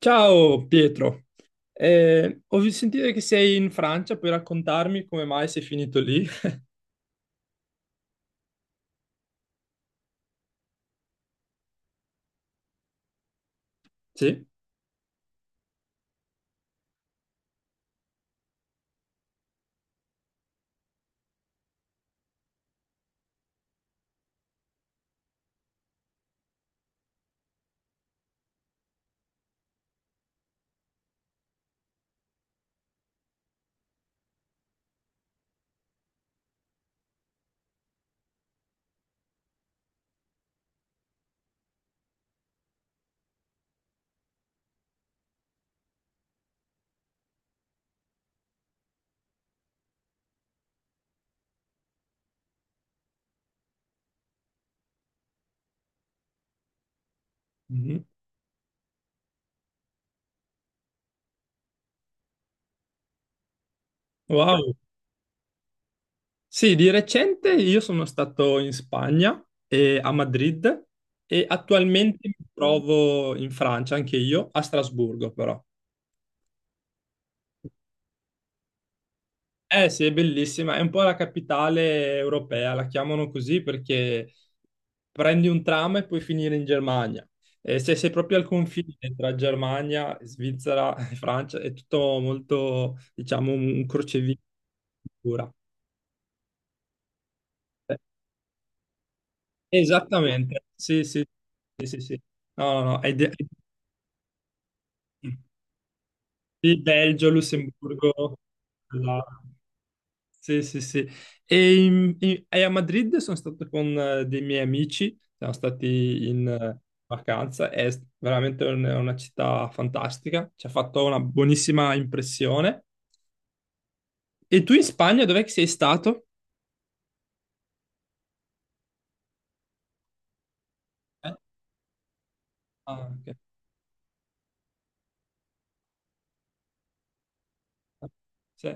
Ciao Pietro, ho sentito che sei in Francia, puoi raccontarmi come mai sei finito lì? Sì. Mhm. Wow. Sì, di recente io sono stato in Spagna, e a Madrid, e attualmente mi trovo in Francia, anche io, a Strasburgo però. Eh sì, è bellissima, è un po' la capitale europea, la chiamano così perché prendi un tram e puoi finire in Germania. E se sei proprio al confine tra Germania, Svizzera e Francia, è tutto molto, diciamo, un crocevia pura. Eh, Esattamente, sì, sì, sì, sì, sì. No, no, no, è di Belgio, Lussemburgo, là. Sì, sì, sì. E, e a Madrid sono stato con dei miei amici, siamo stati in vacanza, è veramente una città fantastica, ci ha fatto una buonissima impressione. E tu in Spagna dov'è che sei stato? Eh? Ah, ok. Sì.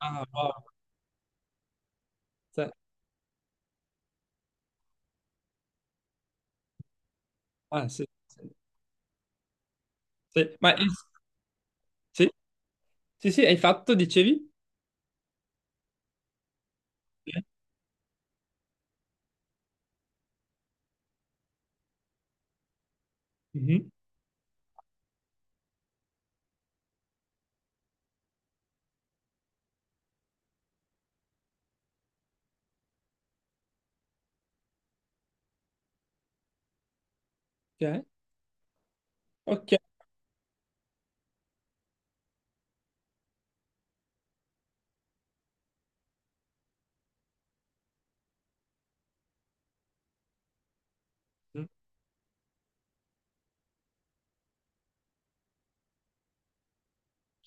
Ah, wow. Sì. Ah, sì, sì, sì. Ma sì, sì, sì, hai fatto, dicevi? Sì. Mhm. Ok, ok,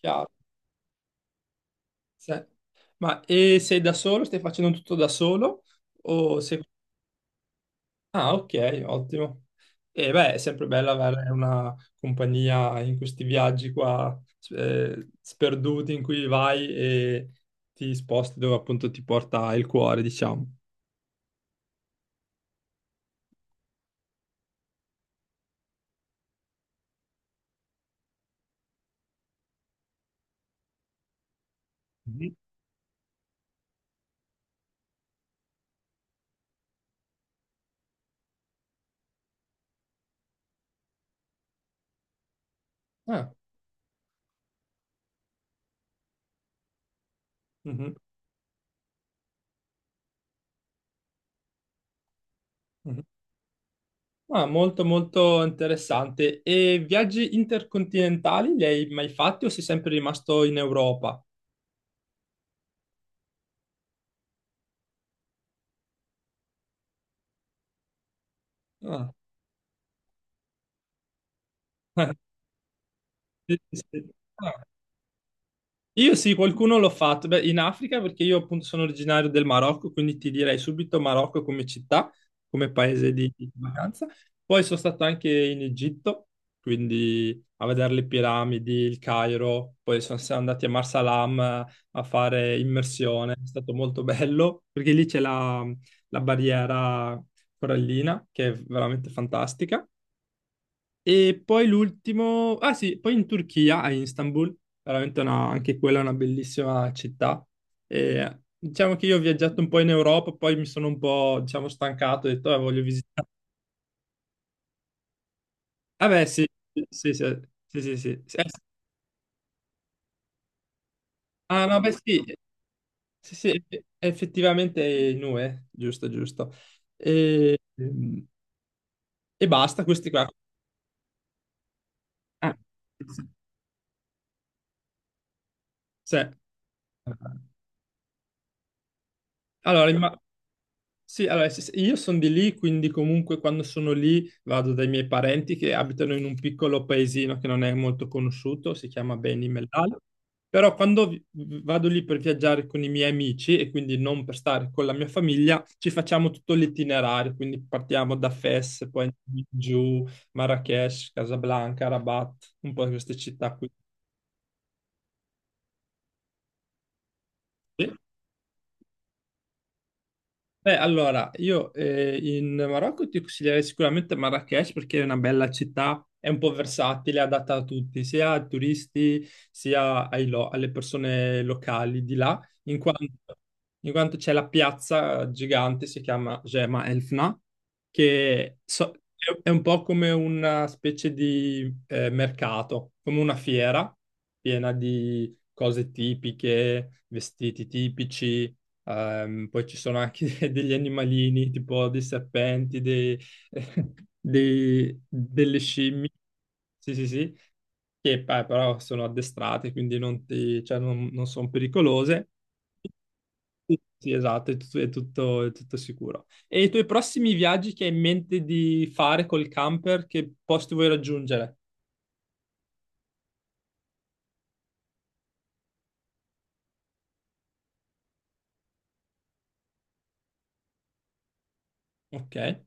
chiaro. Sì. Ma e sei da solo? Stai facendo tutto da solo? O sei... Ah, ok, ottimo. E beh, è sempre bello avere una compagnia in questi viaggi qua, sperduti in cui vai e ti sposti dove appunto ti porta il cuore, diciamo. Mhm. Ah, mhm, mhm. Ah, molto molto interessante. E viaggi intercontinentali li hai mai fatti o sei sempre rimasto in Europa? Ah, sì, sì, sì. Io sì, qualcuno l'ho fatto. Beh, in Africa, perché io appunto sono originario del Marocco, quindi ti direi subito Marocco come città, come paese di vacanza. Poi sono stato anche in Egitto, quindi a vedere le piramidi, il Cairo, poi sono siamo andati a Marsalam a fare immersione, è stato molto bello, perché lì c'è la, la barriera corallina, che è veramente fantastica. E poi l'ultimo, ah sì, poi in Turchia, a Istanbul, veramente anche quella è una bellissima città. E diciamo che io ho viaggiato un po' in Europa, poi mi sono un po', diciamo, stancato, ho detto, "Ah, voglio visitare. Ah beh, sì, sì, sì, sì, sì, sì. Eh, Ah no, beh sì, sì, sì, effettivamente è in UE, giusto, giusto. E, ehm, e basta, questi qua. Ah, sì. Allora, imma- Sì, allora io sono di lì, quindi comunque quando sono lì vado dai miei parenti che abitano in un piccolo paesino che non è molto conosciuto, si chiama Beni Mellal. Però quando vado lì per viaggiare con i miei amici e quindi non per stare con la mia famiglia, ci facciamo tutto l'itinerario, quindi partiamo da Fes, poi giù, Marrakech, Casablanca, Rabat, un po' queste città qui. Sì. Beh, allora, io in Marocco ti consiglierei sicuramente Marrakech perché è una bella città, è un po' versatile, adatta a tutti, sia a turisti sia ai alle persone locali di là, in quanto, in quanto c'è la piazza gigante, si chiama Gema Elfna, che è un po' come una specie di mercato, come una fiera piena di cose tipiche, vestiti tipici. Poi ci sono anche degli animalini, tipo dei serpenti, dei, delle scimmie, sì, sì, sì, che però sono addestrate, quindi non, cioè, non, non sono pericolose. Sì, sì, esatto, è tutto, è tutto sicuro. E i tuoi prossimi viaggi che hai in mente di fare col camper, che posti vuoi raggiungere? Ok.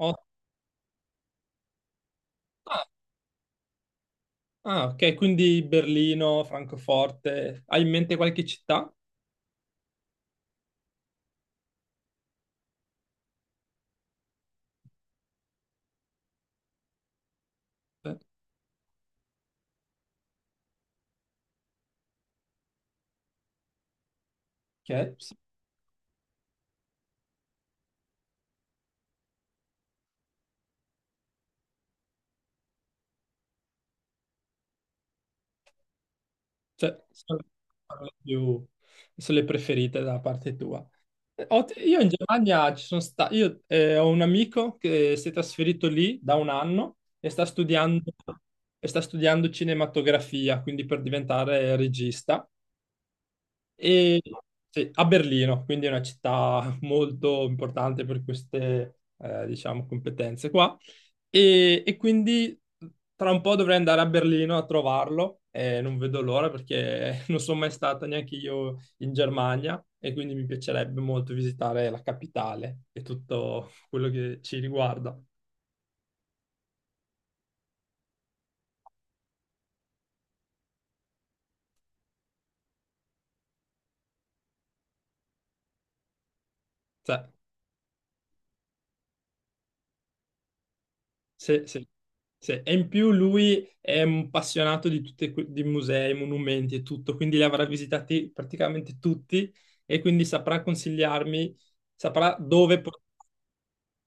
Ho- Ah, ah, ok, quindi Berlino, Francoforte. Hai in mente qualche città? Eh, Ok, sì. Cioè, sono le più, sono le preferite da parte tua. Io in Germania ci sono stato, io ho un amico che si è trasferito lì da un anno e sta studiando cinematografia, quindi per diventare regista. E sì, a Berlino, quindi è una città molto importante per queste, diciamo, competenze qua. E quindi tra un po' dovrei andare a Berlino a trovarlo. E non vedo l'ora perché non sono mai stato neanche io in Germania e quindi mi piacerebbe molto visitare la capitale e tutto quello che ci riguarda. Cioè, sì, sì, sì. E in più lui è un appassionato di tutti i musei, monumenti e tutto, quindi li avrà visitati praticamente tutti e quindi saprà consigliarmi, saprà dove portare.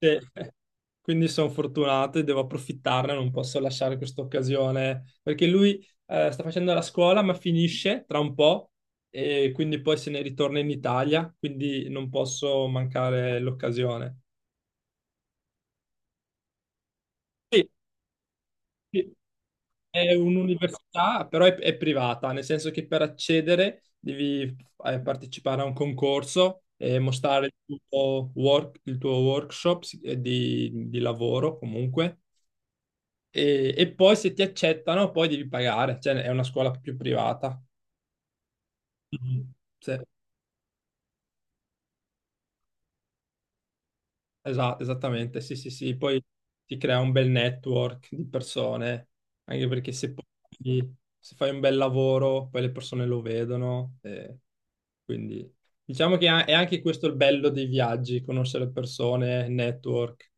Quindi sono fortunato e devo approfittarne, non posso lasciare questa occasione, perché lui sta facendo la scuola ma finisce tra un po' e quindi poi se ne ritorna in Italia, quindi non posso mancare l'occasione. Sì, sì. È un'università, però è privata, nel senso che per accedere devi partecipare a un concorso e mostrare il tuo, il tuo workshop di lavoro comunque. E poi se ti accettano, poi devi pagare, cioè è una scuola più privata. Mhm. Sì, esatto, esattamente, sì, sì, sì. Poi ti crea un bel network di persone, anche perché se poi se fai un bel lavoro, poi le persone lo vedono. Quindi diciamo che è anche questo il bello dei viaggi, conoscere le persone, network.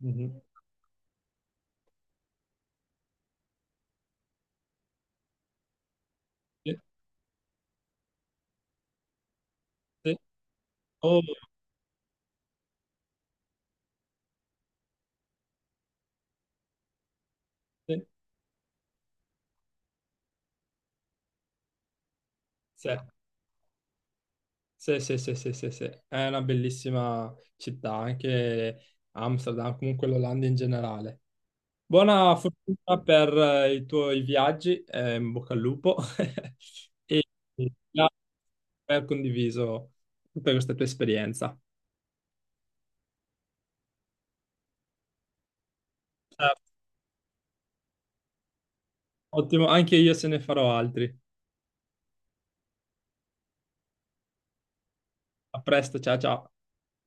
Mhm. Sì, sì. Oh, sì, sì, sì, sì, sì, sì, sì, sì. È una bellissima città, anche Amsterdam, comunque l'Olanda in generale. Buona fortuna per i tuoi viaggi, in bocca al lupo, e grazie per aver condiviso tutta questa tua esperienza. Eh, ottimo, anche io se ne farò altri. A presto, ciao ciao.